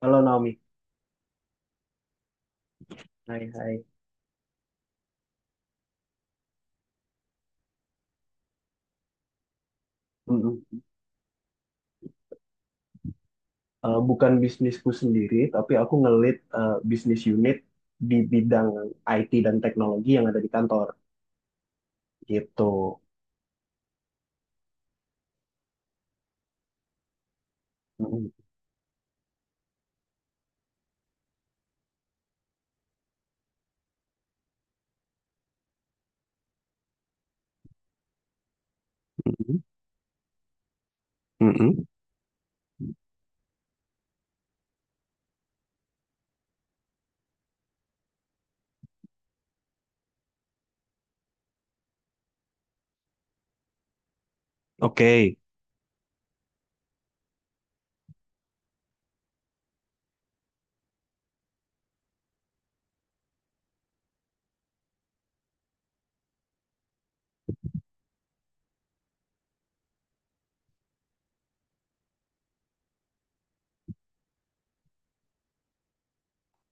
Halo Naomi, hai hai. Mm-mm. Bukan bisnisku sendiri, tapi aku bisnis unit di bidang IT dan teknologi yang ada di kantor, gitu. Mm-mm. Mhm. Mhm. Oke.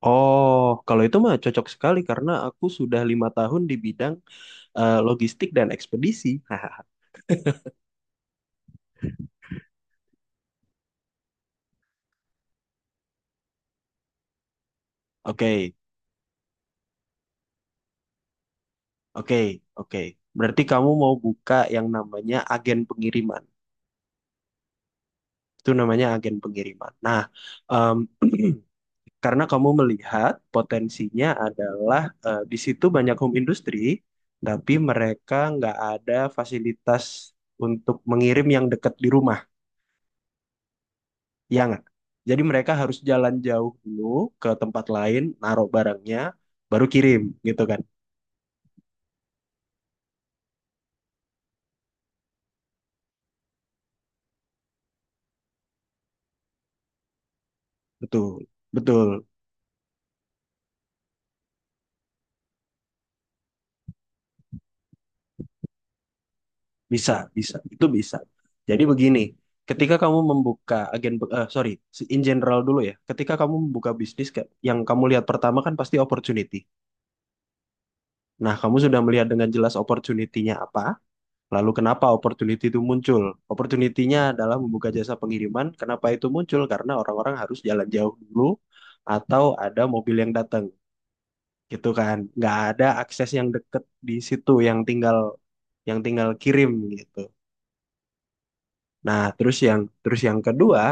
Oh, kalau itu mah cocok sekali karena aku sudah 5 tahun di bidang logistik dan ekspedisi. Oke, oke, oke. Berarti kamu mau buka yang namanya agen pengiriman. Itu namanya agen pengiriman. Nah, em, karena kamu melihat potensinya adalah, di situ banyak home industry, tapi mereka nggak ada fasilitas untuk mengirim yang dekat di rumah, ya nggak? Jadi mereka harus jalan jauh dulu ke tempat lain, naruh barangnya, baru kirim, gitu kan? Betul, betul, bisa, bisa, itu bisa. Jadi begini, ketika kamu membuka agen, sorry, in general dulu ya, ketika kamu membuka bisnis, yang kamu lihat pertama kan pasti opportunity. Nah, kamu sudah melihat dengan jelas opportunity-nya apa, lalu kenapa opportunity itu muncul? Opportunity-nya adalah membuka jasa pengiriman. Kenapa itu muncul? Karena orang-orang harus jalan jauh dulu atau ada mobil yang datang, gitu kan? Nggak ada akses yang deket di situ, yang tinggal kirim gitu. Nah, terus yang terus yang kedua,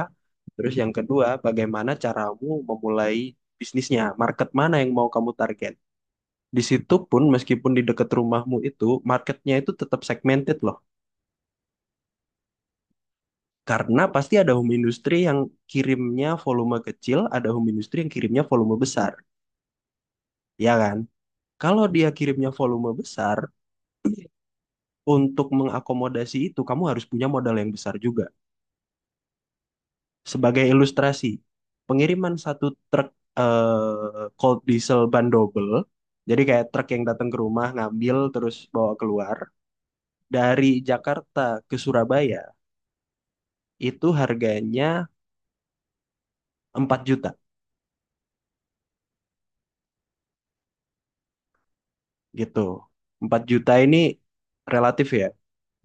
terus yang kedua, bagaimana caramu memulai bisnisnya? Market mana yang mau kamu target? Di situ pun meskipun di dekat rumahmu itu marketnya itu tetap segmented loh. Karena pasti ada home industry yang kirimnya volume kecil, ada home industry yang kirimnya volume besar, ya kan? Kalau dia kirimnya volume besar, untuk mengakomodasi itu kamu harus punya modal yang besar juga. Sebagai ilustrasi, pengiriman satu truk cold diesel ban double, jadi kayak truk yang datang ke rumah ngambil terus bawa keluar dari Jakarta ke Surabaya itu harganya 4 juta gitu. 4 juta ini relatif ya.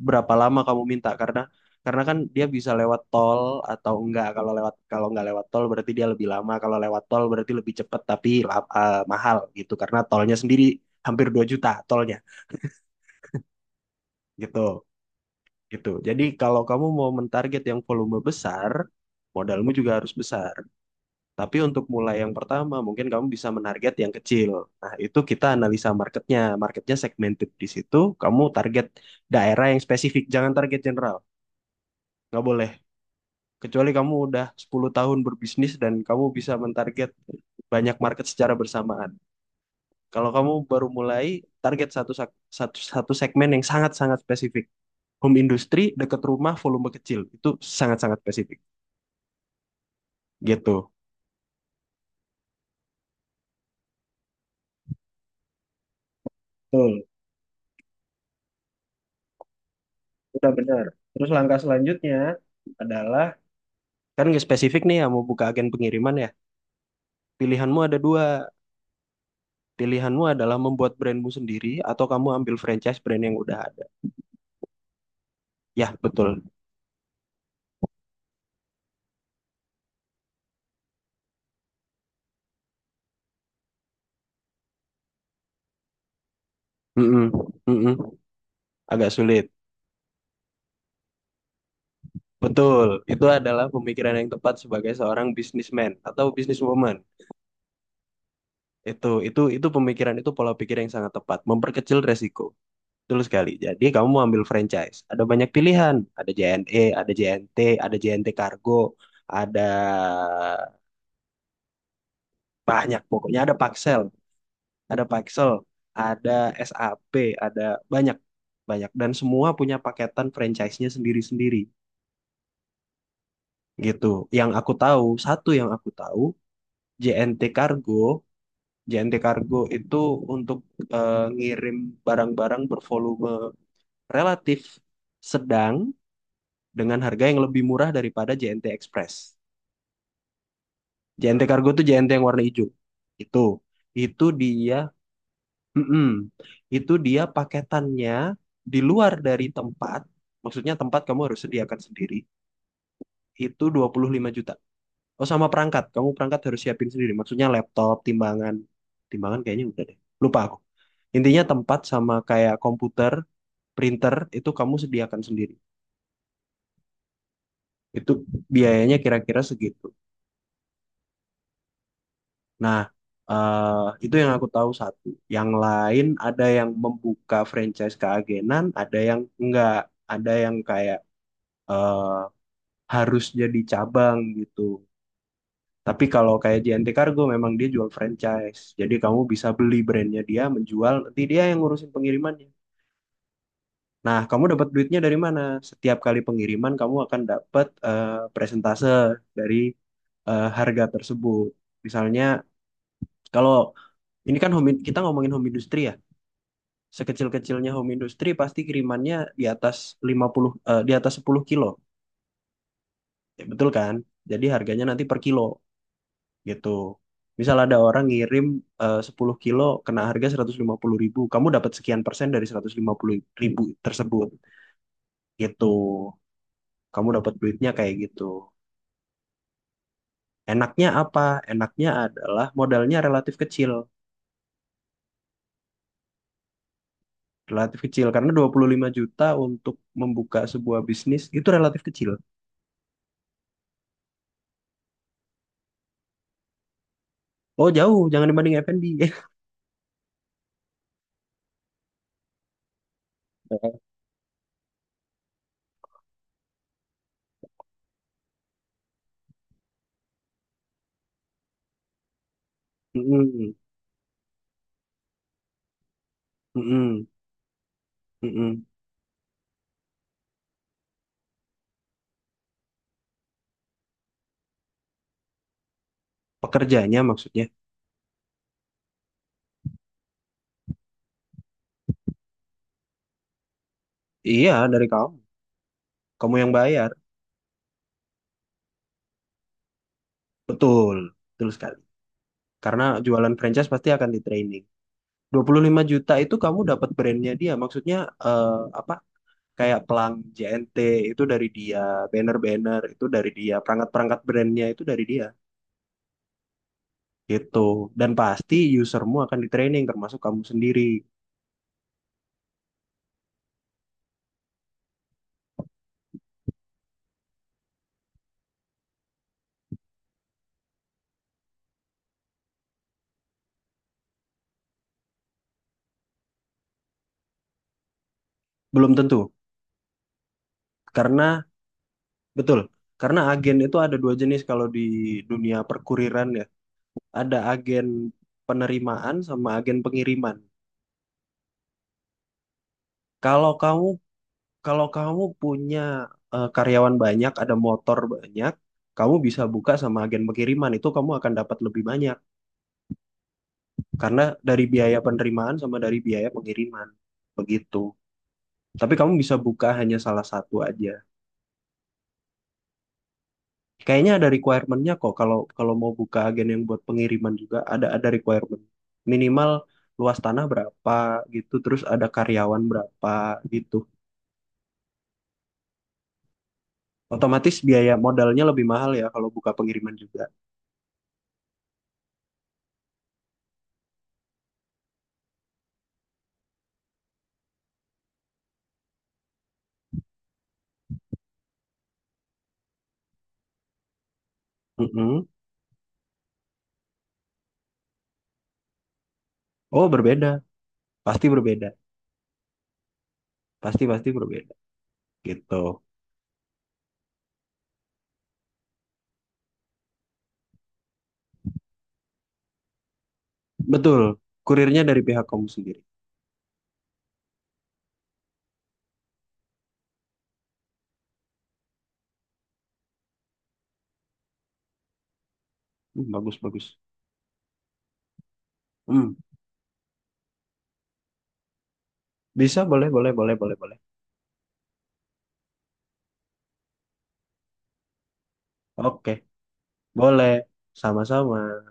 Berapa lama kamu minta? Karena kan dia bisa lewat tol atau enggak. Kalau enggak lewat tol berarti dia lebih lama. Kalau lewat tol berarti lebih cepat tapi mahal gitu. Karena tolnya sendiri hampir 2 juta tolnya gitu. Gitu. Jadi kalau kamu mau mentarget yang volume besar, modalmu juga harus besar. Tapi untuk mulai yang pertama, mungkin kamu bisa menarget yang kecil. Nah, itu kita analisa marketnya. Marketnya segmented di situ. Kamu target daerah yang spesifik. Jangan target general. Nggak boleh. Kecuali kamu udah 10 tahun berbisnis dan kamu bisa mentarget banyak market secara bersamaan. Kalau kamu baru mulai, target satu segmen yang sangat-sangat spesifik. Home industry, dekat rumah, volume kecil. Itu sangat-sangat spesifik. Gitu. Betul. Udah benar. Terus langkah selanjutnya adalah. Kan nggak spesifik nih ya mau buka agen pengiriman ya. Pilihanmu ada dua. Pilihanmu adalah membuat brandmu sendiri atau kamu ambil franchise brand yang udah ada. Ya, betul. Mm-mm, mm-mm. Agak sulit. Betul. Itu adalah pemikiran yang tepat sebagai seorang businessman atau businesswoman. Itu pola pikir yang sangat tepat, memperkecil resiko. Betul sekali. Jadi kamu mau ambil franchise. Ada banyak pilihan. Ada JNE, ada JNT, ada JNT Kargo, ada banyak pokoknya ada Paxel, ada SAP, ada banyak banyak dan semua punya paketan franchise-nya sendiri-sendiri gitu. Yang aku tahu, satu yang aku tahu, JNT Cargo, JNT Cargo itu untuk ngirim barang-barang bervolume relatif sedang dengan harga yang lebih murah daripada JNT Express. JNT Cargo itu JNT yang warna hijau. Itu itu dia. Mm-mm. Itu dia paketannya di luar dari tempat, maksudnya tempat kamu harus sediakan sendiri, itu 25 juta. Oh, sama perangkat, kamu perangkat harus siapin sendiri, maksudnya laptop, timbangan. Timbangan kayaknya udah deh, lupa aku. Intinya tempat sama kayak komputer, printer, itu kamu sediakan sendiri. Itu biayanya kira-kira segitu. Nah, itu yang aku tahu satu. Yang lain ada yang membuka franchise keagenan, ada yang enggak. Ada yang kayak eh, harus jadi cabang gitu. Tapi kalau kayak JNT Cargo memang dia jual franchise. Jadi kamu bisa beli brandnya dia, menjual, nanti dia yang ngurusin pengirimannya. Nah, kamu dapat duitnya dari mana? Setiap kali pengiriman kamu akan dapat presentase dari, harga tersebut. Misalnya kalau ini kan home, kita ngomongin home industry ya. Sekecil-kecilnya home industry pasti kirimannya di atas di atas 10 kilo. Ya, betul kan? Jadi harganya nanti per kilo, gitu. Misal ada orang ngirim, 10 kilo kena harga 150 ribu, kamu dapat sekian persen dari 150 ribu tersebut gitu. Kamu dapat duitnya kayak gitu. Enaknya apa? Enaknya adalah modalnya relatif kecil. Relatif kecil karena 25 juta untuk membuka sebuah bisnis itu relatif kecil. Oh, jauh, jangan dibanding F&B. Mm-mm, mm-mm, mm-mm. Pekerjanya maksudnya. Iya, dari kamu. Kamu yang bayar. Betul, betul sekali. Karena jualan franchise pasti akan di training. 25 juta itu kamu dapat brandnya dia. Maksudnya, eh, apa? Kayak pelang JNT itu dari dia, banner-banner itu dari dia, perangkat-perangkat brandnya itu dari dia. Gitu. Dan pasti usermu akan di training termasuk kamu sendiri. Belum tentu. Karena betul. Karena agen itu ada dua jenis kalau di dunia perkuriran ya. Ada agen penerimaan sama agen pengiriman. Kalau kamu Kalau kamu punya, karyawan banyak, ada motor banyak, kamu bisa buka sama agen pengiriman itu kamu akan dapat lebih banyak karena dari biaya penerimaan sama dari biaya pengiriman begitu. Tapi kamu bisa buka hanya salah satu aja. Kayaknya ada requirementnya kok kalau kalau mau buka agen yang buat pengiriman juga ada requirement. Minimal luas tanah berapa gitu, terus ada karyawan berapa gitu. Otomatis biaya modalnya lebih mahal ya kalau buka pengiriman juga. Mm-mm. Oh, berbeda. Pasti berbeda, pasti pasti berbeda gitu. Betul, kurirnya dari pihak kamu sendiri. Hmm, bagus bagus. Hmm, bisa boleh boleh boleh boleh boleh. Oke, boleh. Sama-sama.